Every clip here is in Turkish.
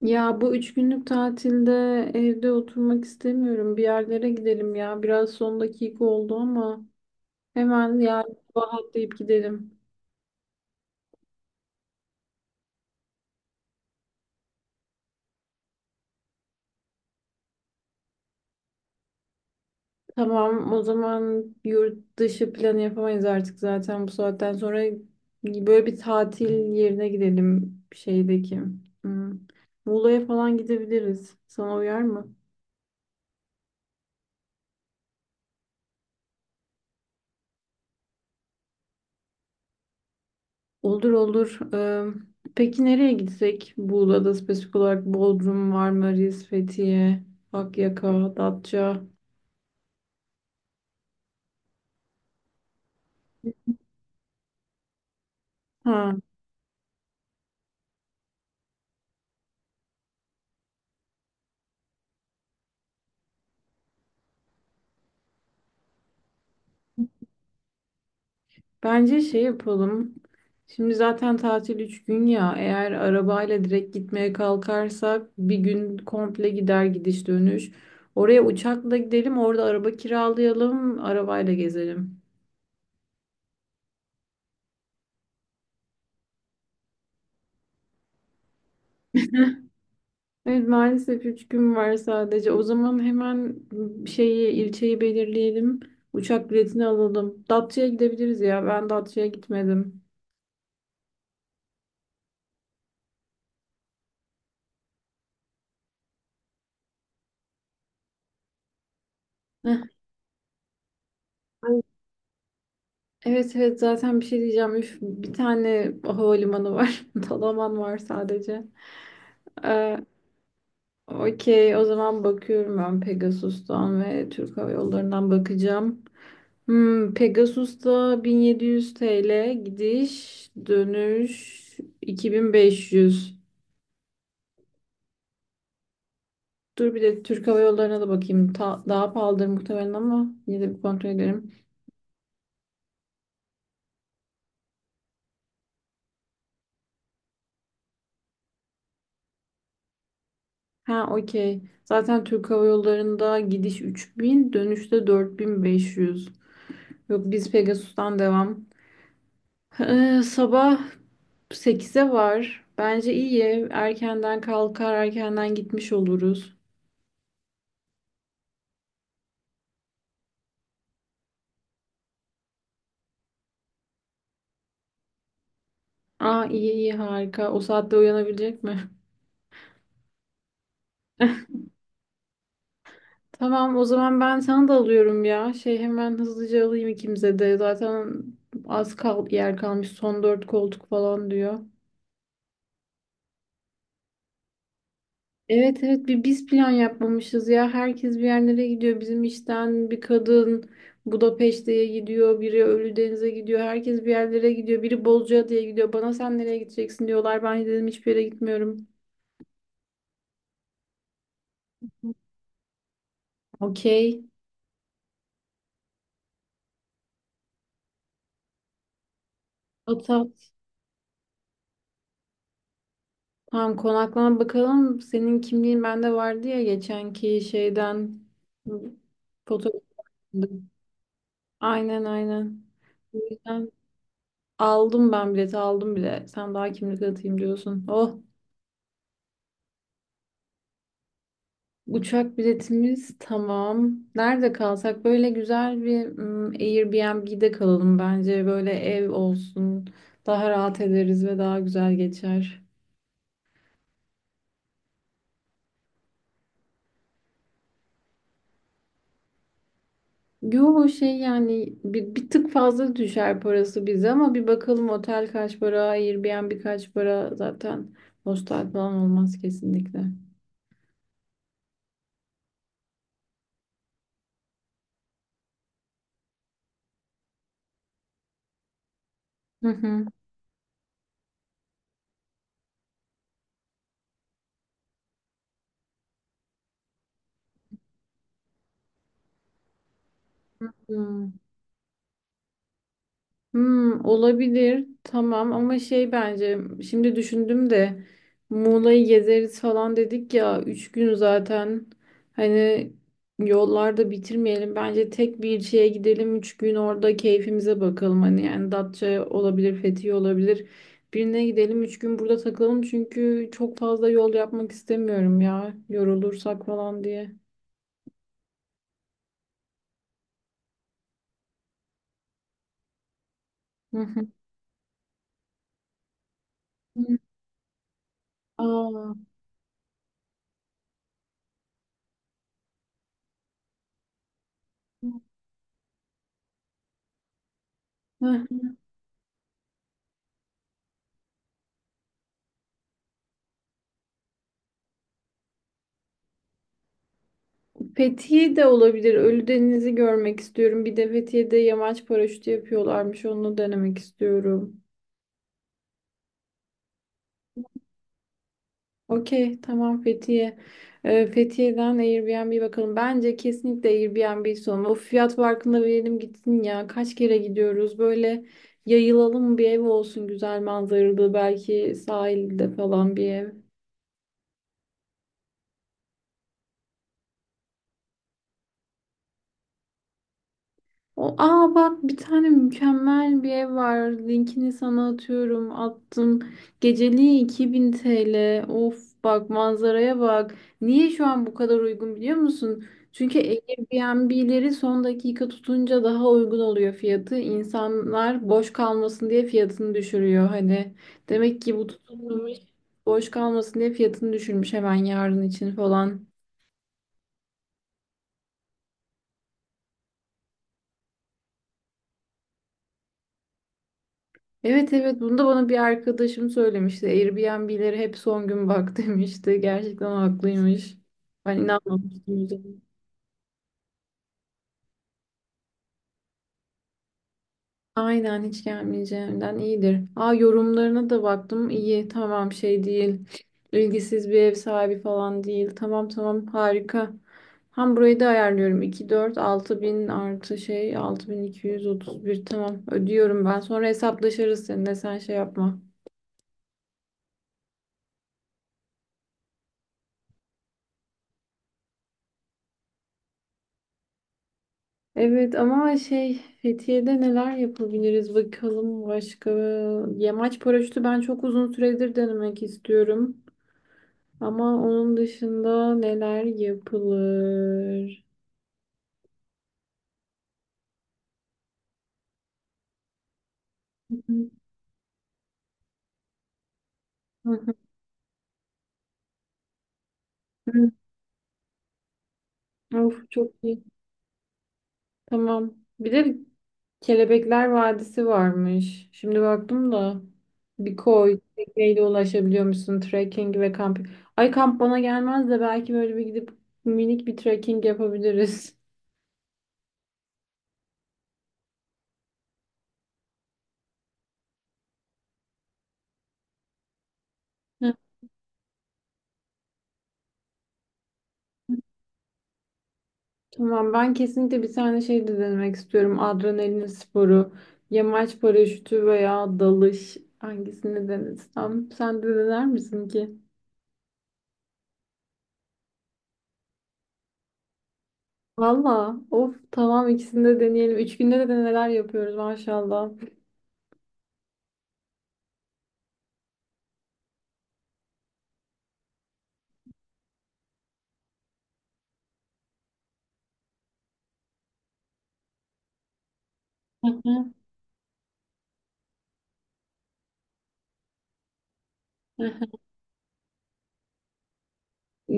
Ya bu üç günlük tatilde evde oturmak istemiyorum. Bir yerlere gidelim ya. Biraz son dakika oldu ama hemen yarın sabah atlayıp gidelim. Tamam, o zaman yurt dışı planı yapamayız artık zaten bu saatten sonra. Böyle bir tatil yerine gidelim şeydeki. Hmm. Muğla'ya falan gidebiliriz. Sana uyar mı? Olur olur. Peki nereye gitsek? Buğla'da spesifik olarak Bodrum, Marmaris, Fethiye, Akyaka, Datça. Ha, bence şey yapalım. Şimdi zaten tatil 3 gün ya. Eğer arabayla direkt gitmeye kalkarsak bir gün komple gider gidiş dönüş. Oraya uçakla gidelim, orada araba kiralayalım, arabayla gezelim. Evet, maalesef üç gün var sadece. O zaman hemen şeyi ilçeyi belirleyelim. Uçak biletini alalım. Datça'ya gidebiliriz ya. Ben Datça'ya gitmedim. Heh. Ay, evet evet zaten bir şey diyeceğim. Üf, bir tane havalimanı var. Dalaman var sadece. Ee, okey, o zaman bakıyorum, ben Pegasus'tan ve Türk Hava Yolları'ndan bakacağım. Hmm, Pegasus'ta 1700 TL gidiş dönüş 2500. Dur, bir de Türk Hava Yolları'na da bakayım. Daha pahalıdır muhtemelen ama yine de bir kontrol ederim. Ha, okey. Zaten Türk Hava Yolları'nda gidiş 3000, dönüşte 4500. Yok, biz Pegasus'tan devam. Sabah sekize var. Bence iyi. Erkenden kalkar, erkenden gitmiş oluruz. Aa iyi iyi, harika. O saatte uyanabilecek mi? Tamam, o zaman ben sana da alıyorum ya. Şey, hemen hızlıca alayım ikimize de. Zaten az kal yer kalmış. Son dört koltuk falan diyor. Evet evet, bir biz plan yapmamışız ya. Herkes bir yerlere gidiyor. Bizim işten bir kadın Budapeşte'ye gidiyor. Biri Ölüdeniz'e gidiyor. Herkes bir yerlere gidiyor. Biri Bozcaada'ya gidiyor. Bana sen nereye gideceksin diyorlar. Ben dedim hiçbir yere gitmiyorum. Okey. Ata, tamam konaklama bakalım. Senin kimliğin bende vardı ya, geçenki şeyden fotoğraf. Aynen aynen. O yüzden aldım, ben bileti aldım bile. Sen daha kimlik atayım diyorsun. Oh, uçak biletimiz tamam. Nerede kalsak, böyle güzel bir Airbnb'de kalalım bence. Böyle ev olsun. Daha rahat ederiz ve daha güzel geçer. Yo şey, yani bir tık fazla düşer parası bize ama bir bakalım otel kaç para, Airbnb kaç para, zaten hostel falan olmaz kesinlikle. Hı hı. Hmm. Hmm, olabilir. Tamam ama şey, bence şimdi düşündüm de Muğla'yı gezeriz falan dedik ya, üç gün zaten, hani yollarda bitirmeyelim. Bence tek bir şeye gidelim, üç gün orada keyfimize bakalım, hani yani Datça olabilir, Fethiye olabilir. Birine gidelim, üç gün burada takılalım, çünkü çok fazla yol yapmak istemiyorum ya, yorulursak falan diye. Hı hı. Aa. Heh. Fethiye de olabilir. Ölüdeniz'i görmek istiyorum. Bir de Fethiye'de yamaç paraşütü yapıyorlarmış. Onu denemek istiyorum. Okey, tamam Fethiye. Fethiye'den Airbnb bakalım. Bence kesinlikle Airbnb son. O fiyat farkında verelim gitsin ya. Kaç kere gidiyoruz? Böyle yayılalım, bir ev olsun güzel manzaralı. Belki sahilde falan bir ev. O, aa bak bir tane mükemmel bir ev var. Linkini sana atıyorum. Attım. Geceliği 2000 TL. Of, bak manzaraya bak. Niye şu an bu kadar uygun biliyor musun? Çünkü Airbnb'leri son dakika tutunca daha uygun oluyor fiyatı. İnsanlar boş kalmasın diye fiyatını düşürüyor. Hani demek ki bu tutulmamış, boş kalmasın diye fiyatını düşürmüş hemen yarın için falan. Evet evet, bunu da bana bir arkadaşım söylemişti. Airbnb'lere hep son gün bak demişti. Gerçekten haklıymış. Ben inanmamıştım. O, aynen hiç gelmeyeceğimden iyidir. Aa, yorumlarına da baktım. İyi, tamam şey değil. İlgisiz bir ev sahibi falan değil. Tamam tamam, harika. Hem burayı da ayarlıyorum. İki 4 6 bin artı şey altı bin iki yüz otuz bir, tamam ödüyorum ben. Sonra hesaplaşırız seninle, sen şey yapma. Evet ama şey, Fethiye'de neler yapabiliriz bakalım başka. Yamaç paraşütü ben çok uzun süredir denemek istiyorum. Ama onun dışında neler yapılır? Hı hı. Hı. Of, çok iyi. Tamam. Bir de Kelebekler Vadisi varmış. Şimdi baktım da bir koy, tekneyle ulaşabiliyor musun, trekking ve kamp. Ay, kamp bana gelmez de belki böyle bir gidip minik bir trekking yapabiliriz. Tamam, ben kesinlikle bir tane şey de denemek istiyorum. Adrenalin sporu, yamaç paraşütü veya dalış, hangisini denesem. Sen de dener misin ki? Valla of, tamam ikisini de deneyelim. Üç günde de neler yapıyoruz maşallah.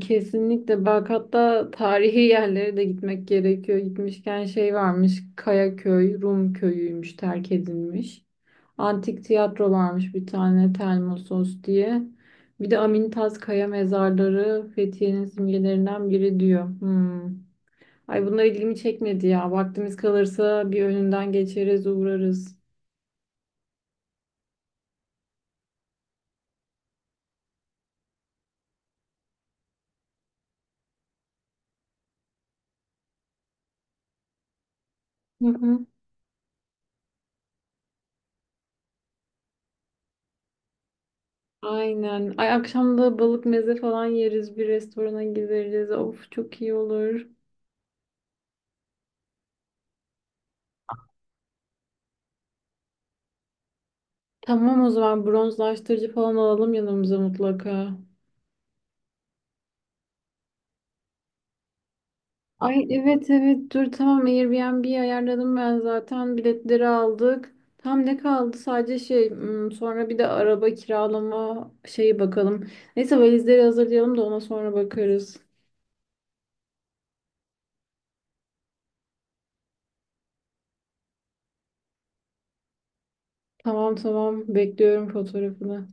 Kesinlikle bak, hatta tarihi yerlere de gitmek gerekiyor. Gitmişken şey varmış, Kayaköy, Rum köyüymüş terk edilmiş. Antik tiyatro varmış bir tane, Telmosos diye. Bir de Amintas Kaya mezarları Fethiye'nin simgelerinden biri diyor. Hmm. Ay, bunlar ilgimi çekmedi ya. Vaktimiz kalırsa bir önünden geçeriz, uğrarız. Hı hı. Aynen. Ay, akşam da balık meze falan yeriz, bir restorana gideriz. Of, çok iyi olur. Tamam o zaman, bronzlaştırıcı falan alalım yanımıza mutlaka. Ay evet evet, dur tamam Airbnb'yi ayarladım ben, zaten biletleri aldık. Tam ne kaldı, sadece şey hmm, sonra bir de araba kiralama şeyi bakalım. Neyse, valizleri hazırlayalım da ona sonra bakarız. Tamam tamam, bekliyorum fotoğrafını.